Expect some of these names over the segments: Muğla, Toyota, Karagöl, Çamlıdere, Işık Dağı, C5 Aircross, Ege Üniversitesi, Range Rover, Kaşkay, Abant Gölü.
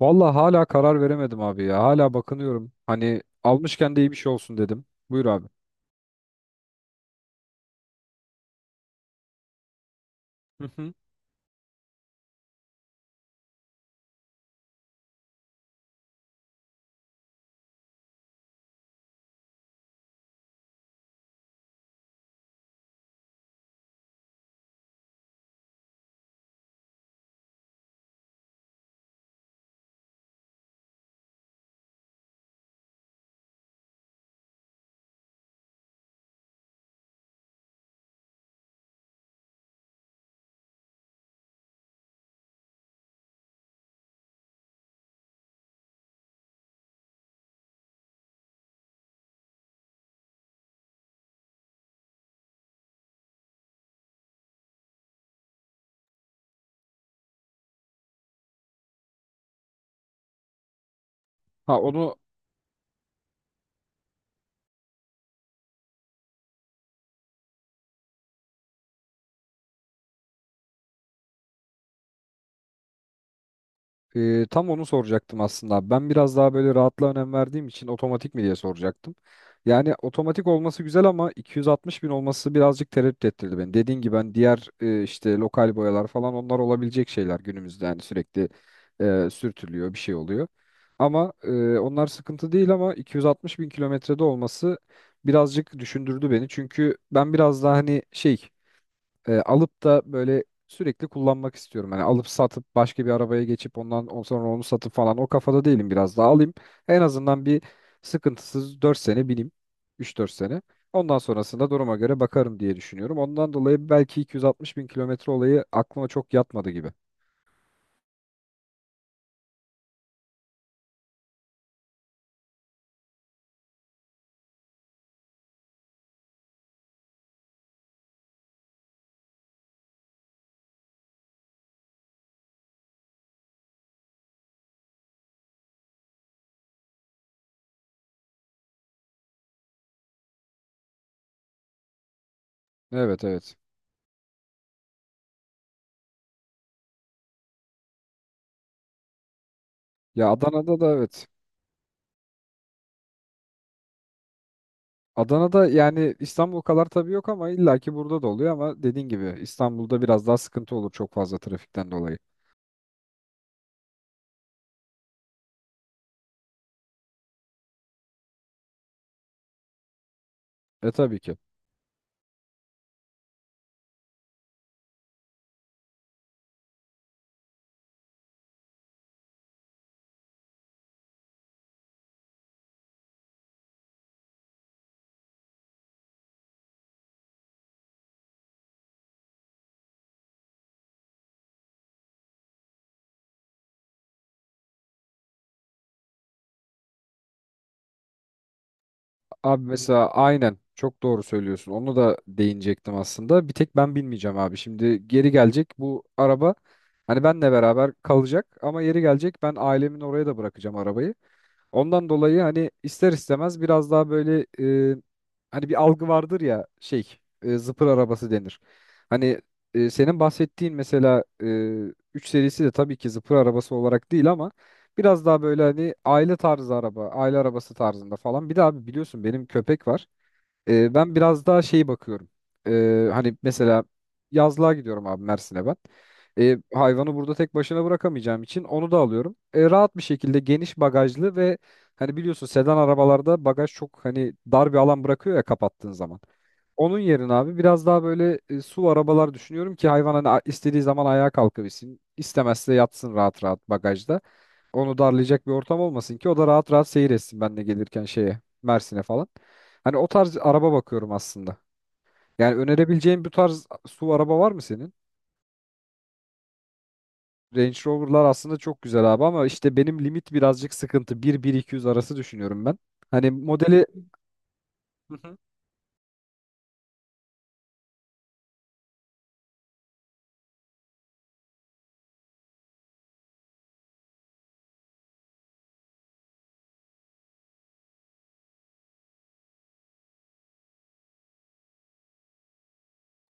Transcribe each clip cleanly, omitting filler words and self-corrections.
Vallahi hala karar veremedim abi ya. Hala bakınıyorum. Hani almışken de iyi bir şey olsun dedim. Buyur abi. Hı hı. Ha onu. Tam onu soracaktım aslında, abi. Ben biraz daha böyle rahatlığa önem verdiğim için otomatik mi diye soracaktım. Yani otomatik olması güzel ama 260 bin olması birazcık tereddüt ettirdi beni. Dediğin gibi ben diğer işte lokal boyalar falan, onlar olabilecek şeyler günümüzde yani, sürekli sürtülüyor, bir şey oluyor. Ama onlar sıkıntı değil ama 260 bin kilometrede olması birazcık düşündürdü beni. Çünkü ben biraz daha hani alıp da böyle sürekli kullanmak istiyorum. Hani alıp satıp başka bir arabaya geçip ondan sonra onu satıp falan o kafada değilim, biraz daha alayım. En azından bir sıkıntısız 4 sene bineyim. Üç dört sene. Ondan sonrasında duruma göre bakarım diye düşünüyorum. Ondan dolayı belki 260 bin kilometre olayı aklıma çok yatmadı gibi. Evet, evet. Ya Adana'da da evet. Adana'da yani İstanbul kadar tabii yok ama illaki burada da oluyor, ama dediğin gibi İstanbul'da biraz daha sıkıntı olur çok fazla trafikten dolayı. Tabii ki. Abi mesela aynen çok doğru söylüyorsun. Onu da değinecektim aslında. Bir tek ben bilmeyeceğim abi. Şimdi geri gelecek bu araba. Hani benle beraber kalacak ama yeri gelecek ben ailemin oraya da bırakacağım arabayı. Ondan dolayı hani ister istemez biraz daha böyle e, hani bir algı vardır ya, zıpır arabası denir. Hani senin bahsettiğin mesela 3 serisi de tabii ki zıpır arabası olarak değil ama biraz daha böyle hani aile tarzı araba, aile arabası tarzında falan. Bir de abi biliyorsun benim köpek var. Ben biraz daha şeyi bakıyorum. Hani mesela yazlığa gidiyorum abi Mersin'e ben. Hayvanı burada tek başına bırakamayacağım için onu da alıyorum. Rahat bir şekilde geniş bagajlı ve hani biliyorsun sedan arabalarda bagaj çok hani dar bir alan bırakıyor ya kapattığın zaman. Onun yerine abi biraz daha böyle SUV arabalar düşünüyorum ki hayvan hani istediği zaman ayağa kalkabilsin. İstemezse yatsın rahat rahat bagajda, onu darlayacak bir ortam olmasın ki o da rahat rahat seyir etsin, ben de gelirken şeye, Mersin'e falan. Hani o tarz araba bakıyorum aslında. Yani önerebileceğin bu tarz SUV araba var mı senin? Range Rover'lar aslında çok güzel abi ama işte benim limit birazcık sıkıntı. 1 iki yüz arası düşünüyorum ben. Hani modeli. Hı hı.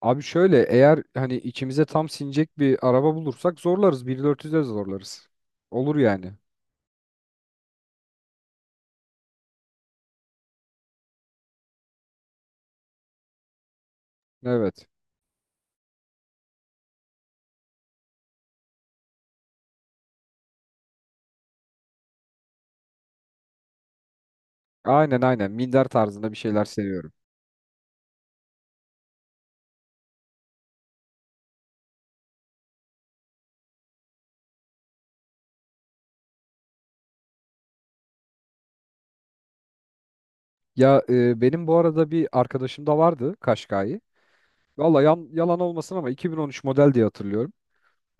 Abi şöyle, eğer hani içimize tam sinecek bir araba bulursak zorlarız. 1.400'e zorlarız. Olur yani. Evet. Aynen, aynen. Minder tarzında bir şeyler seviyorum. Ya benim bu arada bir arkadaşım da vardı Kaşkay'ı. Valla yalan olmasın ama 2013 model diye hatırlıyorum.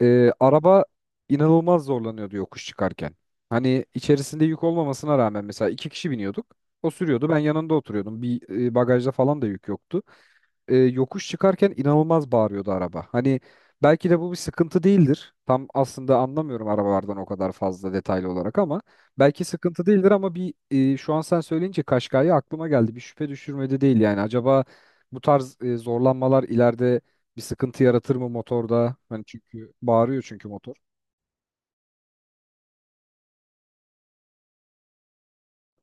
Araba inanılmaz zorlanıyordu yokuş çıkarken. Hani içerisinde yük olmamasına rağmen mesela iki kişi biniyorduk. O sürüyordu, ben yanında oturuyordum. Bir bagajda falan da yük yoktu, yokuş çıkarken inanılmaz bağırıyordu araba. Hani belki de bu bir sıkıntı değildir. Tam aslında anlamıyorum arabalardan o kadar fazla detaylı olarak ama belki sıkıntı değildir ama şu an sen söyleyince Kaşkay'ı aklıma geldi. Bir şüphe düşürmedi değil yani. Acaba bu tarz zorlanmalar ileride bir sıkıntı yaratır mı motorda? Hani çünkü bağırıyor çünkü motor.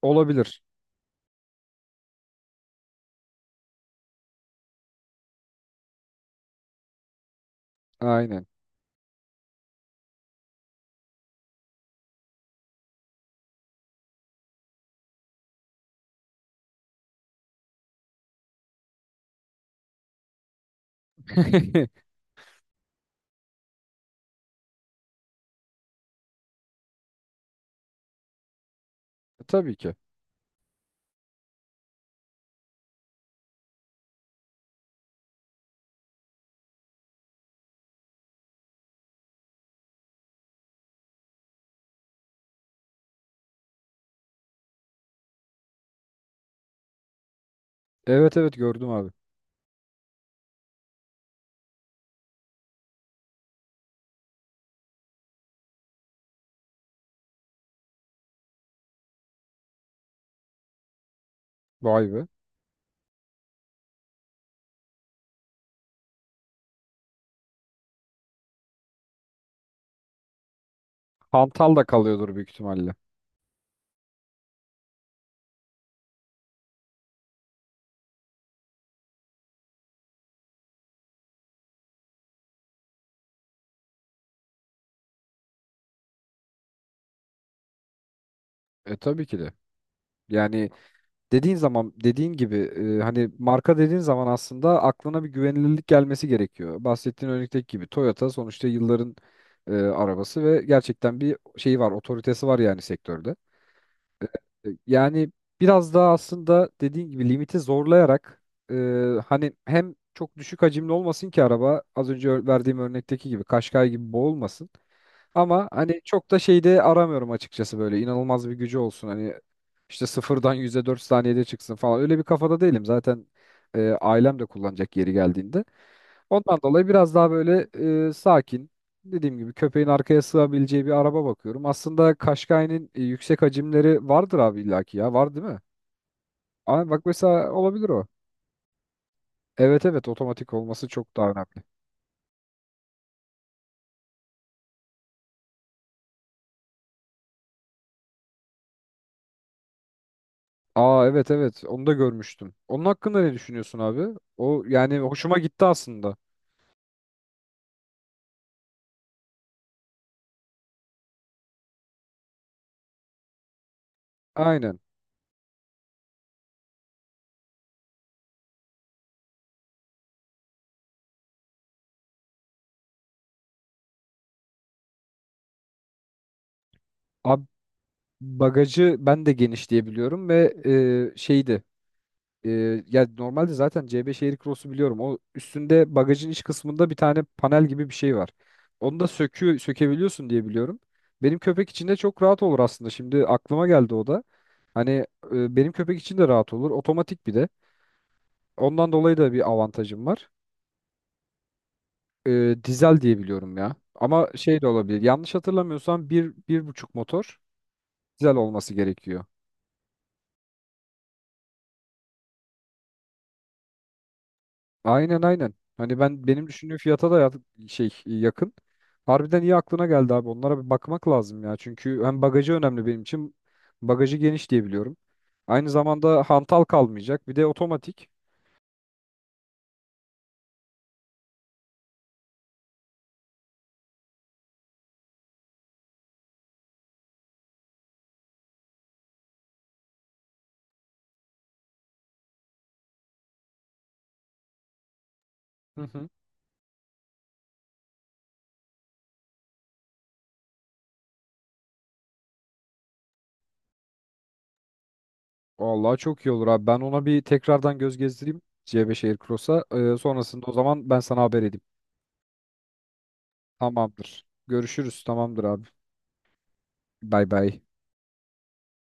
Olabilir. Aynen. Tabii ki. Evet, evet gördüm abi. Vay be. Hantal da kalıyordur büyük ihtimalle. Tabii ki de. Yani dediğin zaman, dediğin gibi hani marka dediğin zaman aslında aklına bir güvenilirlik gelmesi gerekiyor. Bahsettiğin örnekteki gibi Toyota sonuçta yılların arabası ve gerçekten bir şeyi var, otoritesi var yani sektörde. Yani biraz daha aslında dediğin gibi limiti zorlayarak e, hani hem çok düşük hacimli olmasın ki araba az önce verdiğim örnekteki gibi Kaşkay gibi boğulmasın. Ama hani çok da şeyde aramıyorum açıkçası, böyle inanılmaz bir gücü olsun hani işte sıfırdan yüzde dört saniyede çıksın falan, öyle bir kafada değilim zaten. Ailem de kullanacak yeri geldiğinde. Ondan dolayı biraz daha böyle sakin, dediğim gibi köpeğin arkaya sığabileceği bir araba bakıyorum. Aslında Kaşkay'ın yüksek hacimleri vardır abi, illaki ya var değil mi? Aa, bak mesela olabilir o. Evet, evet otomatik olması çok daha önemli. Aa, evet, evet onu da görmüştüm. Onun hakkında ne düşünüyorsun abi? O yani hoşuma gitti aslında. Aynen. Abi bagajı ben de geniş diye biliyorum ve şeydi. E, ya normalde zaten C5 Aircross'u biliyorum. O üstünde bagajın iç kısmında bir tane panel gibi bir şey var. Onu da sökebiliyorsun diye biliyorum. Benim köpek için de çok rahat olur aslında. Şimdi aklıma geldi o da. Hani benim köpek için de rahat olur. Otomatik bir de. Ondan dolayı da bir avantajım var. Dizel diye biliyorum ya. Ama şey de olabilir. Yanlış hatırlamıyorsam bir buçuk motor dizel olması gerekiyor. Aynen, aynen. Hani ben benim düşündüğüm fiyata da yakın. Harbiden iyi aklına geldi abi. Onlara bir bakmak lazım ya. Çünkü hem bagajı önemli benim için. Bagajı geniş diye biliyorum. Aynı zamanda hantal kalmayacak. Bir de otomatik. Hı hı. Vallahi çok iyi olur abi. Ben ona bir tekrardan göz gezdireyim C5 Aircross'a. Sonrasında o zaman ben sana haber edeyim. Tamamdır. Görüşürüz. Tamamdır abi. Bay bay.